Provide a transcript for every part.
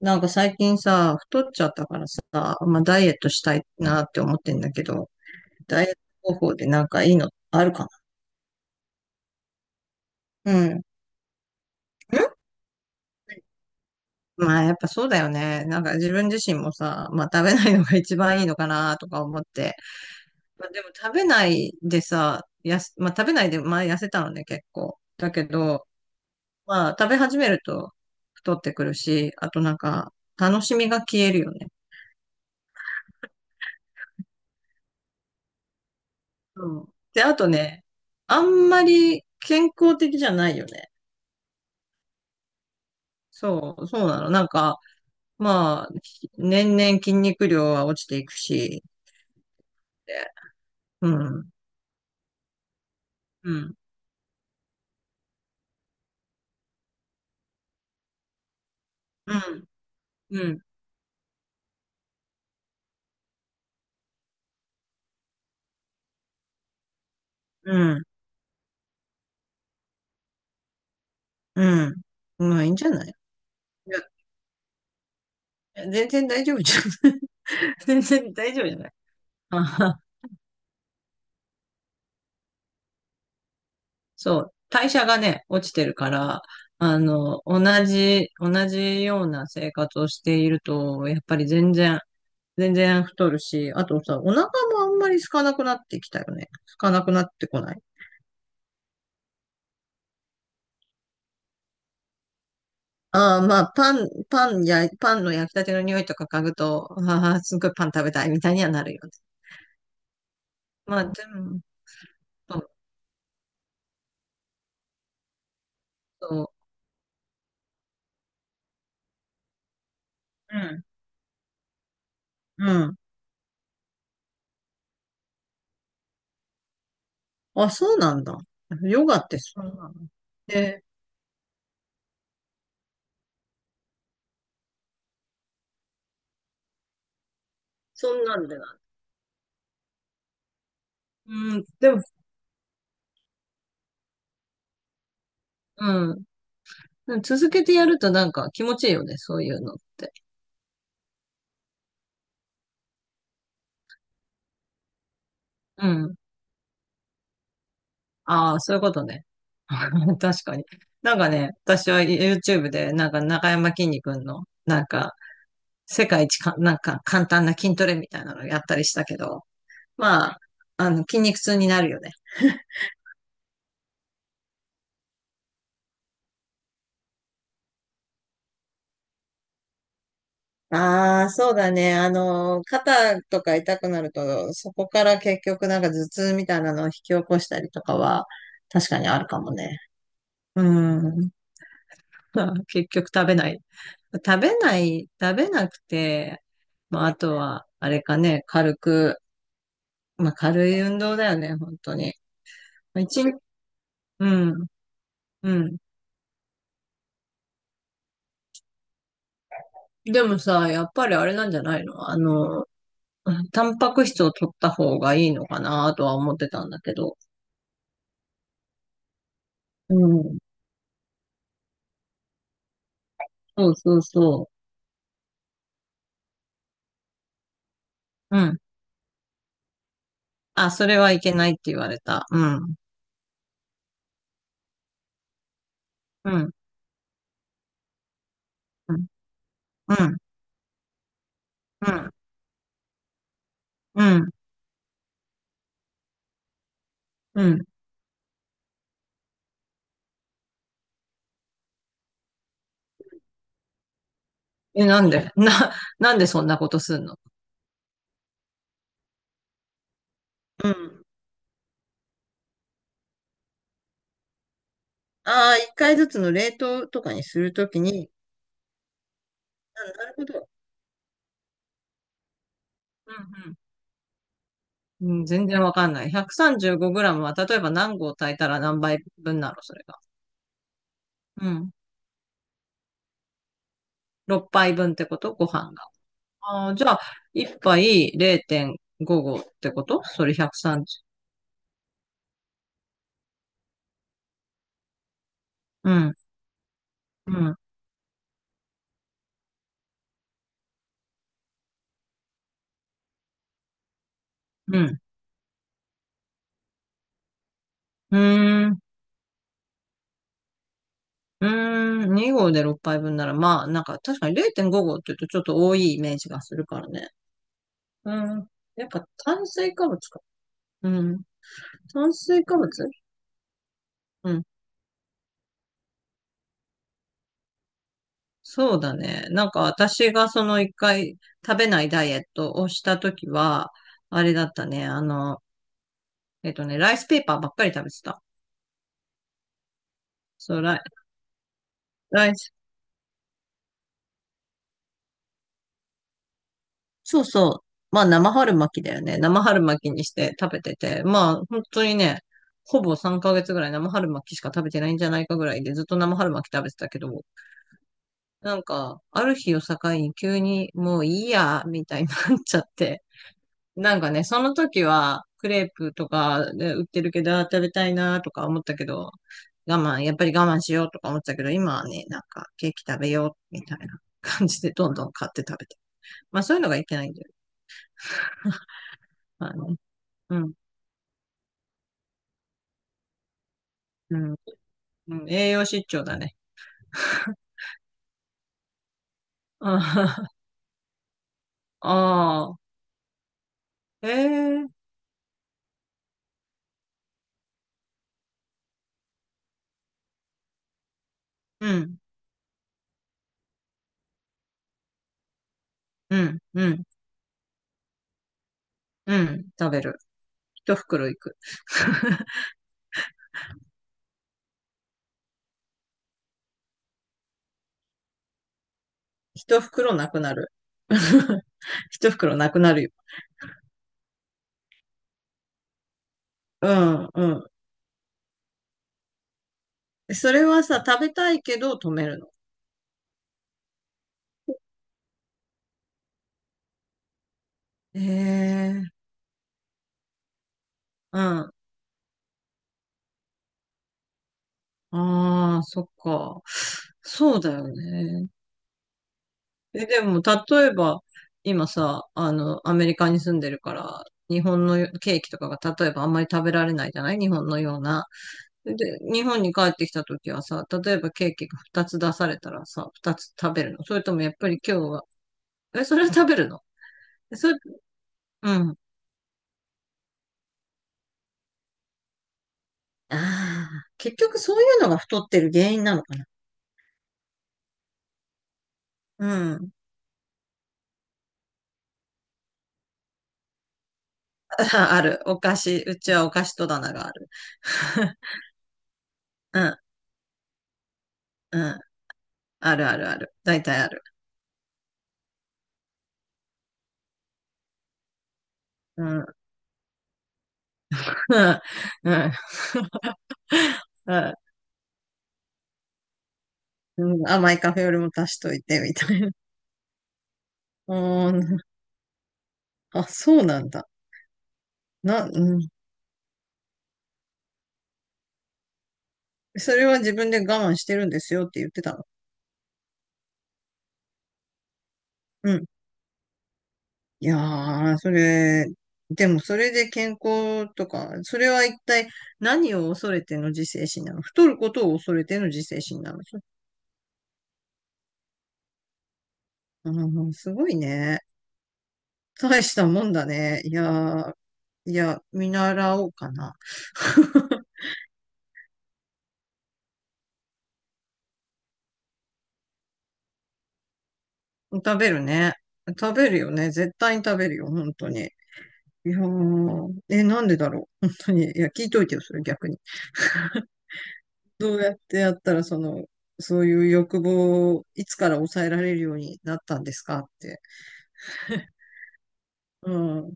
なんか最近さ、太っちゃったからさ、まあダイエットしたいなって思ってんだけど、ダイエット方法でなんかいいのあるかな。うん。ん、まあやっぱそうだよね。なんか自分自身もさ、まあ食べないのが一番いいのかなとか思って。まあでも食べないでさ、まあ食べないで前痩せたのね結構。だけど、まあ食べ始めると太ってくるし、あとなんか楽しみが消えるよね。そう。で、あとね、あんまり健康的じゃないよね。そう、そうなの。なんか、まあ、年々筋肉量は落ちていくし、で、うん、うん、うん、うん、うん、うん。まあ、いいんじゃない？いや、全然大丈夫じゃん。全然大丈夫じゃない。あはは。そう、代謝がね、落ちてるから、あの、同じような生活をしていると、やっぱり全然太るし、あとさ、お腹もあんまり空かなくなってきたよね。空かなくなってこない？ああ、まあ、パンの焼きたての匂いとか嗅ぐと、ああ、すごいパン食べたいみたいにはなるよね。まあ、でも、そうそう。うん、うん。あ、そうなんだ。ヨガってそんなの？で、そんなんでなんだ。うん、でも、うん。でも続けてやるとなんか気持ちいいよね、そういうのって。うん。ああ、そういうことね。確かに。なんかね、私は YouTube で、なんか中山きんに君の、なんか、世界一か、なんか簡単な筋トレみたいなのやったりしたけど、まあ、あの、筋肉痛になるよね。ああ、そうだね。あの、肩とか痛くなると、そこから結局なんか頭痛みたいなのを引き起こしたりとかは、確かにあるかもね。うん。結局食べない。食べなくて、まあ、あとは、あれかね、まあ、軽い運動だよね、本当に。まあ一日、うん、うん。でもさ、やっぱりあれなんじゃないの、あの、タンパク質を取った方がいいのかなとは思ってたんだけど。うん。そうそうそう。うん。あ、それはいけないって言われた。うん。うん。うん。うん。うん。うん。うん。え、なんで、 なんでそんなことすんの？うん。ああ、一回ずつの冷凍とかにするときに、あ、なるほど。うん。うん。うん、全然わかんない。135グラムは、例えば何合炊いたら何杯分なの、それが。うん。6杯分ってこと？ご飯が。ああ、じゃあ、1杯0.5合ってこと？それ130。うん。うん。うん。うーん。うーん。2合で6杯分なら、まあ、なんか確かに0.5合って言うとちょっと多いイメージがするからね。うん。やっぱ炭水化物か。うん。炭水化物、うん。そうだね。なんか私がその一回食べないダイエットをしたときは、あれだったね。あの、えっとね、ライスペーパーばっかり食べてた。そう、ライ、ライス、そうそう。まあ生春巻きだよね。生春巻きにして食べてて、まあ本当にね、ほぼ3ヶ月ぐらい生春巻きしか食べてないんじゃないかぐらいでずっと生春巻き食べてたけど、なんか、ある日を境に急にもういいや、みたいになっちゃって、なんかね、その時はクレープとかで売ってるけど、あー食べたいなとか思ったけど、やっぱり我慢しようとか思ってたけど、今はね、なんかケーキ食べようみたいな、 感じでどんどん買って食べて。まあそういうのがいけないんだよ。まあね。うん。うん。うん、栄養失調だね。ああ、え、え、うん、うん、うん、うん、食べる。一袋いく。一袋なくなる。一袋なくなるよ。うん、うん。それはさ、食べたいけど止めるの？え、え、うん。ああ、そっか。そうだよね。え、でも、例えば、今さ、あの、アメリカに住んでるから、日本のケーキとかが、例えばあんまり食べられないじゃない、日本のような。で、日本に帰ってきた時はさ、例えばケーキが2つ出されたらさ、2つ食べるの？それともやっぱり今日は、え、それは食べるの？え、 それ、うん。ああ、結局そういうのが太ってる原因なのかな。うん。あ、ある。お菓子、うちはお菓子戸棚がある。うん、うん。あるあるある。大体ある。うん、うん、うん、うん。甘いカフェよりも足しといて、みたいな。うん、あ、そうなんだ。な、うん。それは自分で我慢してるんですよって言ってたの？うん。いやー、それ、でもそれで健康とか、それは一体何を恐れての自制心なの？太ることを恐れての自制心なの？うん、すごいね。大したもんだね。いやー、いや、見習おうかな。食べるね。食べるよね。絶対に食べるよ、本当に。いやー、え、なんでだろう。本当に。いや、聞いといてよ、それ逆に。どうやってやったら、その、そういう欲望をいつから抑えられるようになったんですかって。うん。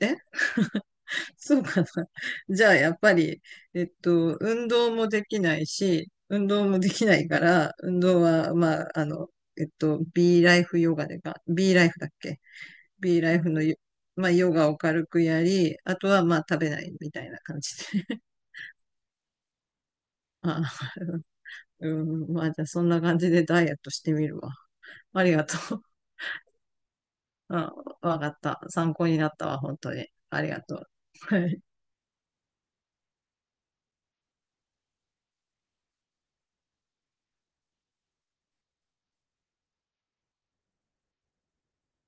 え、そうかな。じゃあ、やっぱり、えっと、運動もできないし、運動もできないから、運動は、まあ、あの、えっと、B ライフヨガでか、B ライフだっけ？ B ライフのヨ、まあ、ヨガを軽くやり、あとは、まあ、食べないみたいな感じで。あ、うん、まあ、じゃあ、そんな感じでダイエットしてみるわ。ありがとう。あ、わかった。参考になったわ、本当に。ありがとう。はい。